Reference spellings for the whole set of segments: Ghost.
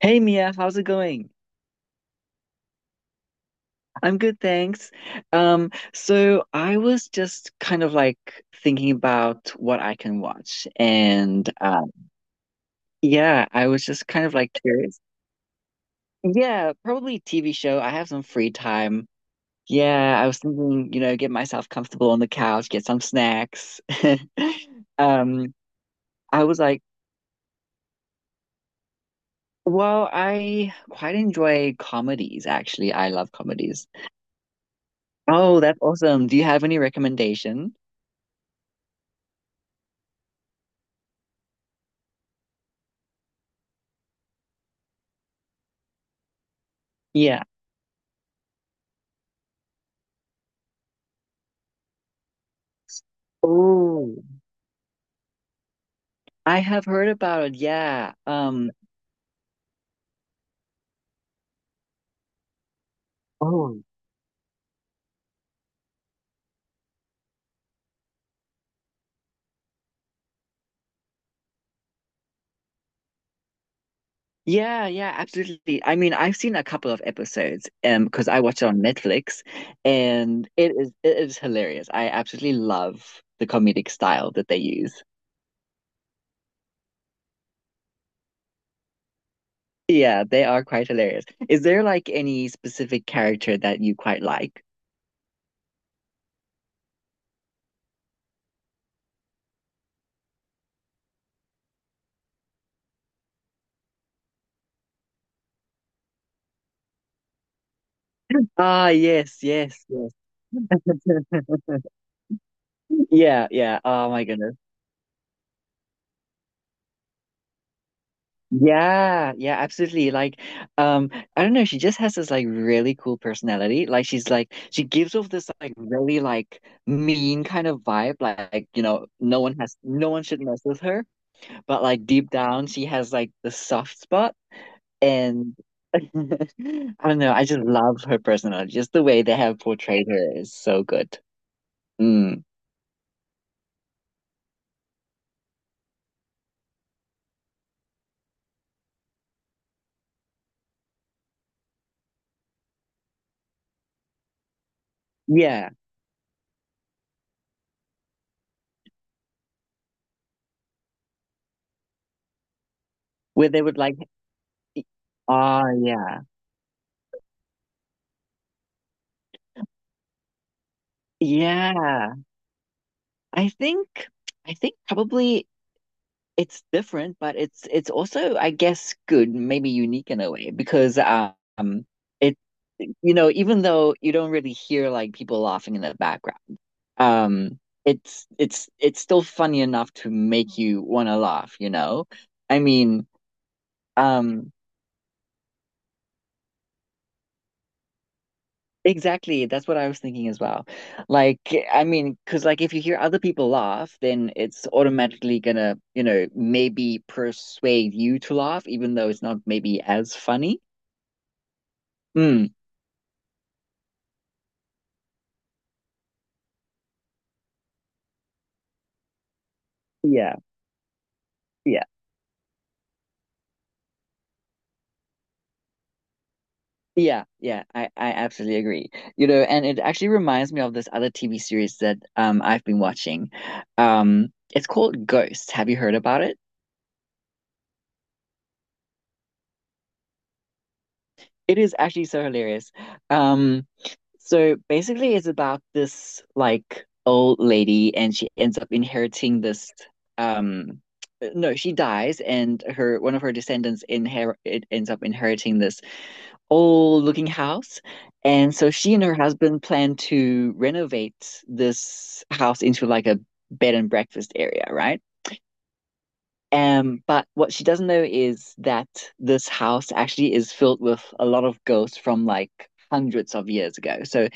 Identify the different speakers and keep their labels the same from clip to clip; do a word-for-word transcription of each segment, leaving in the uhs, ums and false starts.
Speaker 1: Hey Mia, how's it going? I'm good, thanks. Um, so I was just kind of like thinking about what I can watch, and um, yeah, I was just kind of like curious. Yeah, probably T V show. I have some free time. Yeah, I was thinking, you know, get myself comfortable on the couch, get some snacks. Um, I was like, well, I quite enjoy comedies, actually. I love comedies. Oh, that's awesome. Do you have any recommendation? Oh, I have heard about it. Yeah. Um, oh, yeah, yeah, absolutely. I mean, I've seen a couple of episodes um because I watch it on Netflix, and it is it is hilarious. I absolutely love the comedic style that they use. Yeah, they are quite hilarious. Is there like any specific character that you quite like? Ah, yes, yes, yes. Yeah, yeah. Oh my goodness. Yeah, yeah, absolutely. Like, um, I don't know, she just has this like really cool personality. Like she's like she gives off this like really like mean kind of vibe, like, you know, no one has no one should mess with her, but like deep down she has like the soft spot, and I don't know, I just love her personality. Just the way they have portrayed her is so good. Mm. Yeah, where they would like, oh yeah. Yeah, I think I think probably. It's different, but it's it's also, I guess, good, maybe unique in a way, because um it you know, even though you don't really hear like people laughing in the background, um it's it's it's still funny enough to make you want to laugh, you know? I mean, um exactly, that's what I was thinking as well. Like, I mean, because like if you hear other people laugh, then it's automatically gonna, you know, maybe persuade you to laugh, even though it's not maybe as funny. Hmm. Yeah, yeah, yeah, yeah. I I absolutely agree. You know, and it actually reminds me of this other T V series that um I've been watching. Um, it's called Ghost. Have you heard about it? It is actually so hilarious. Um, so basically, it's about this like old lady, and she ends up inheriting this um. No, she dies, and her one of her descendants inher it ends up inheriting this old looking house. And so she and her husband plan to renovate this house into like a bed and breakfast area, right? Um, but what she doesn't know is that this house actually is filled with a lot of ghosts from like hundreds of years ago. So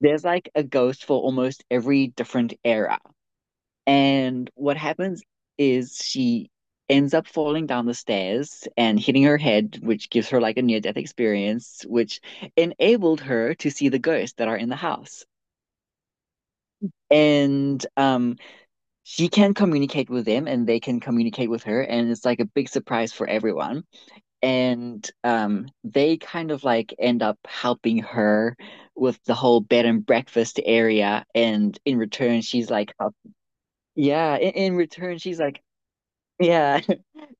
Speaker 1: there's like a ghost for almost every different era. And what happens is she ends up falling down the stairs and hitting her head, which gives her like a near-death experience, which enabled her to see the ghosts that are in the house. And um, she can communicate with them, and they can communicate with her, and it's like a big surprise for everyone. And um, they kind of like end up helping her with the whole bed and breakfast area. And in return, she's like, help- yeah, in, in return, she's like, yeah.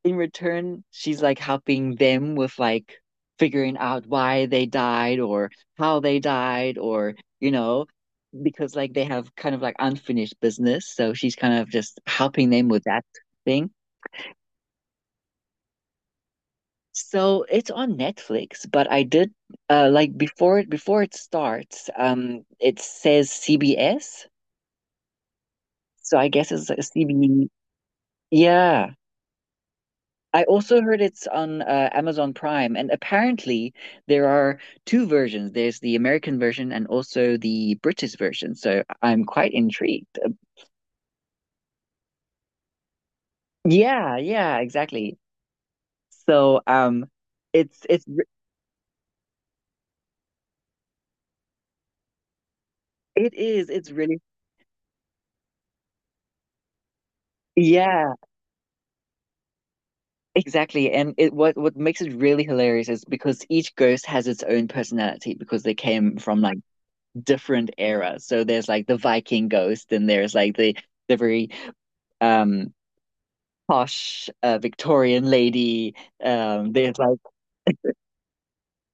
Speaker 1: In return, she's like helping them with like figuring out why they died or how they died or, you know, because like they have kind of like unfinished business. So she's kind of just helping them with that thing. So it's on Netflix, but I did uh like before it before it starts, um it says C B S. So I guess it's a C B. Yeah. I also heard it's on uh, Amazon Prime, and apparently there are two versions. There's the American version and also the British version. So I'm quite intrigued. Uh, Yeah, yeah, exactly. So um, it's it's re- it is it's really. Yeah, exactly. And it what what makes it really hilarious is because each ghost has its own personality because they came from like different eras. So there's like the Viking ghost, and there's like the the very um posh uh, Victorian lady. Um, they're like,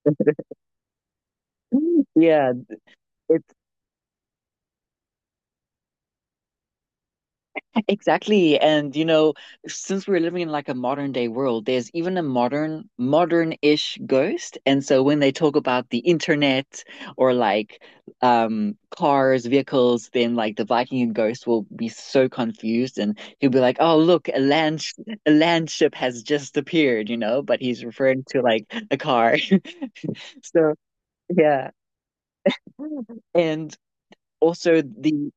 Speaker 1: yeah, it's exactly. And you know, since we're living in like a modern day world, there's even a modern, modern-ish ghost. And so when they talk about the internet or like um cars, vehicles, then like the Viking ghost will be so confused and he'll be like, "Oh, look, a land sh a land ship has just appeared," you know, but he's referring to like a car. So, yeah. And also the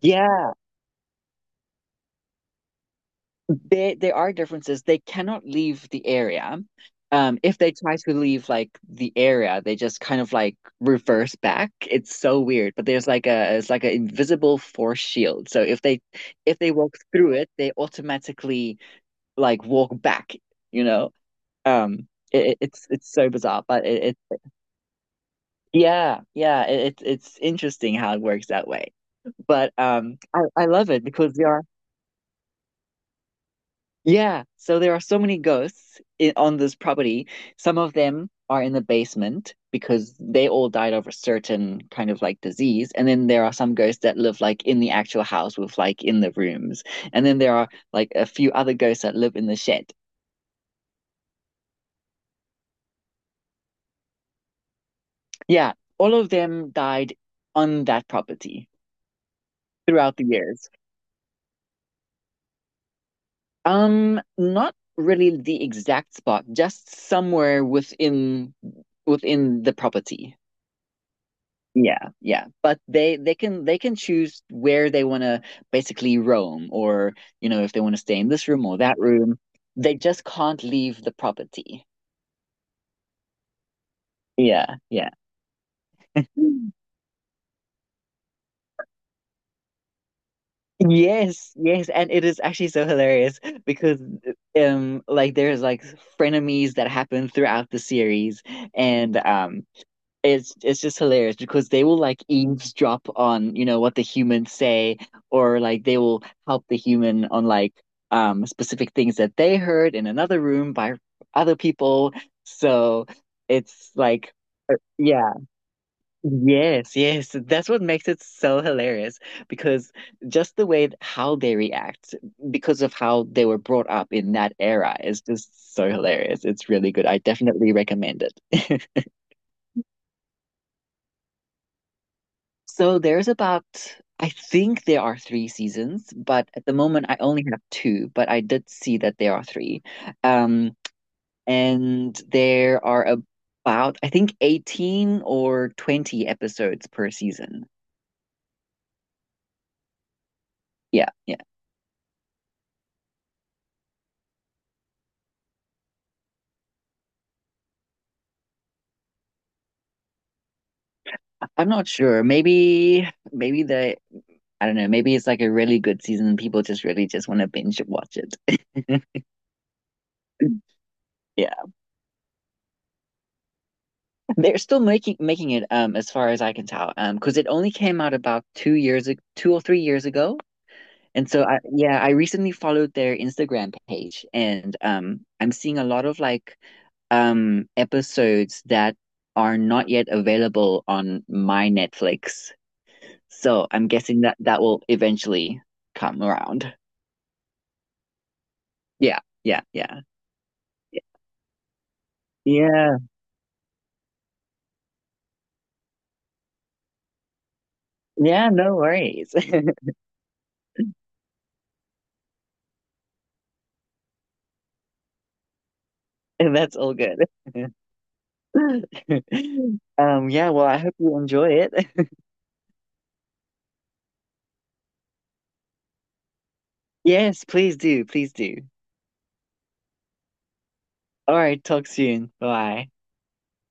Speaker 1: Yeah, there there are differences. They cannot leave the area. Um, if they try to leave like the area, they just kind of like reverse back. It's so weird. But there's like a it's like an invisible force shield. So if they if they walk through it, they automatically like walk back, you know? Um it, it- it's it's so bizarre, but it, it yeah, yeah, it, it's it's interesting how it works that way. But um I, I love it because there are yeah, so there are so many ghosts in, on this property. Some of them are in the basement because they all died of a certain kind of like disease. And then there are some ghosts that live like in the actual house with like in the rooms. And then there are like a few other ghosts that live in the shed. Yeah, all of them died on that property throughout the years. Um, not really the exact spot, just somewhere within within the property. Yeah, yeah, but they they can they can choose where they want to basically roam, or you know if they want to stay in this room or that room. They just can't leave the property. Yeah, yeah. Yes, yes, and it is actually so hilarious because um like there's like frenemies that happen throughout the series, and um It's it's just hilarious because they will like eavesdrop on, you know, what the humans say, or like they will help the human on like um specific things that they heard in another room by other people. So it's like, yeah, yes, yes. That's what makes it so hilarious because just the way how they react because of how they were brought up in that era is just so hilarious. It's really good. I definitely recommend it. So there's about, I think there are three seasons, but at the moment I only have two, but I did see that there are three. Um, and there are about, I think, eighteen or twenty episodes per season. Yeah, yeah. I'm not sure. Maybe, maybe the, I don't know, maybe it's like a really good season. And people just really just want to binge watch it. Yeah, they're still making making it um as far as I can tell um because it only came out about two years ag- two or three years ago. And so I yeah, I recently followed their Instagram page, and um I'm seeing a lot of like um episodes that are not yet available on my Netflix. So I'm guessing that that will eventually come around. Yeah, yeah, yeah. Yeah. Yeah, no worries. That's all good. Um yeah, well, I hope you enjoy it. Yes, please do. Please do. All right, talk soon. Bye.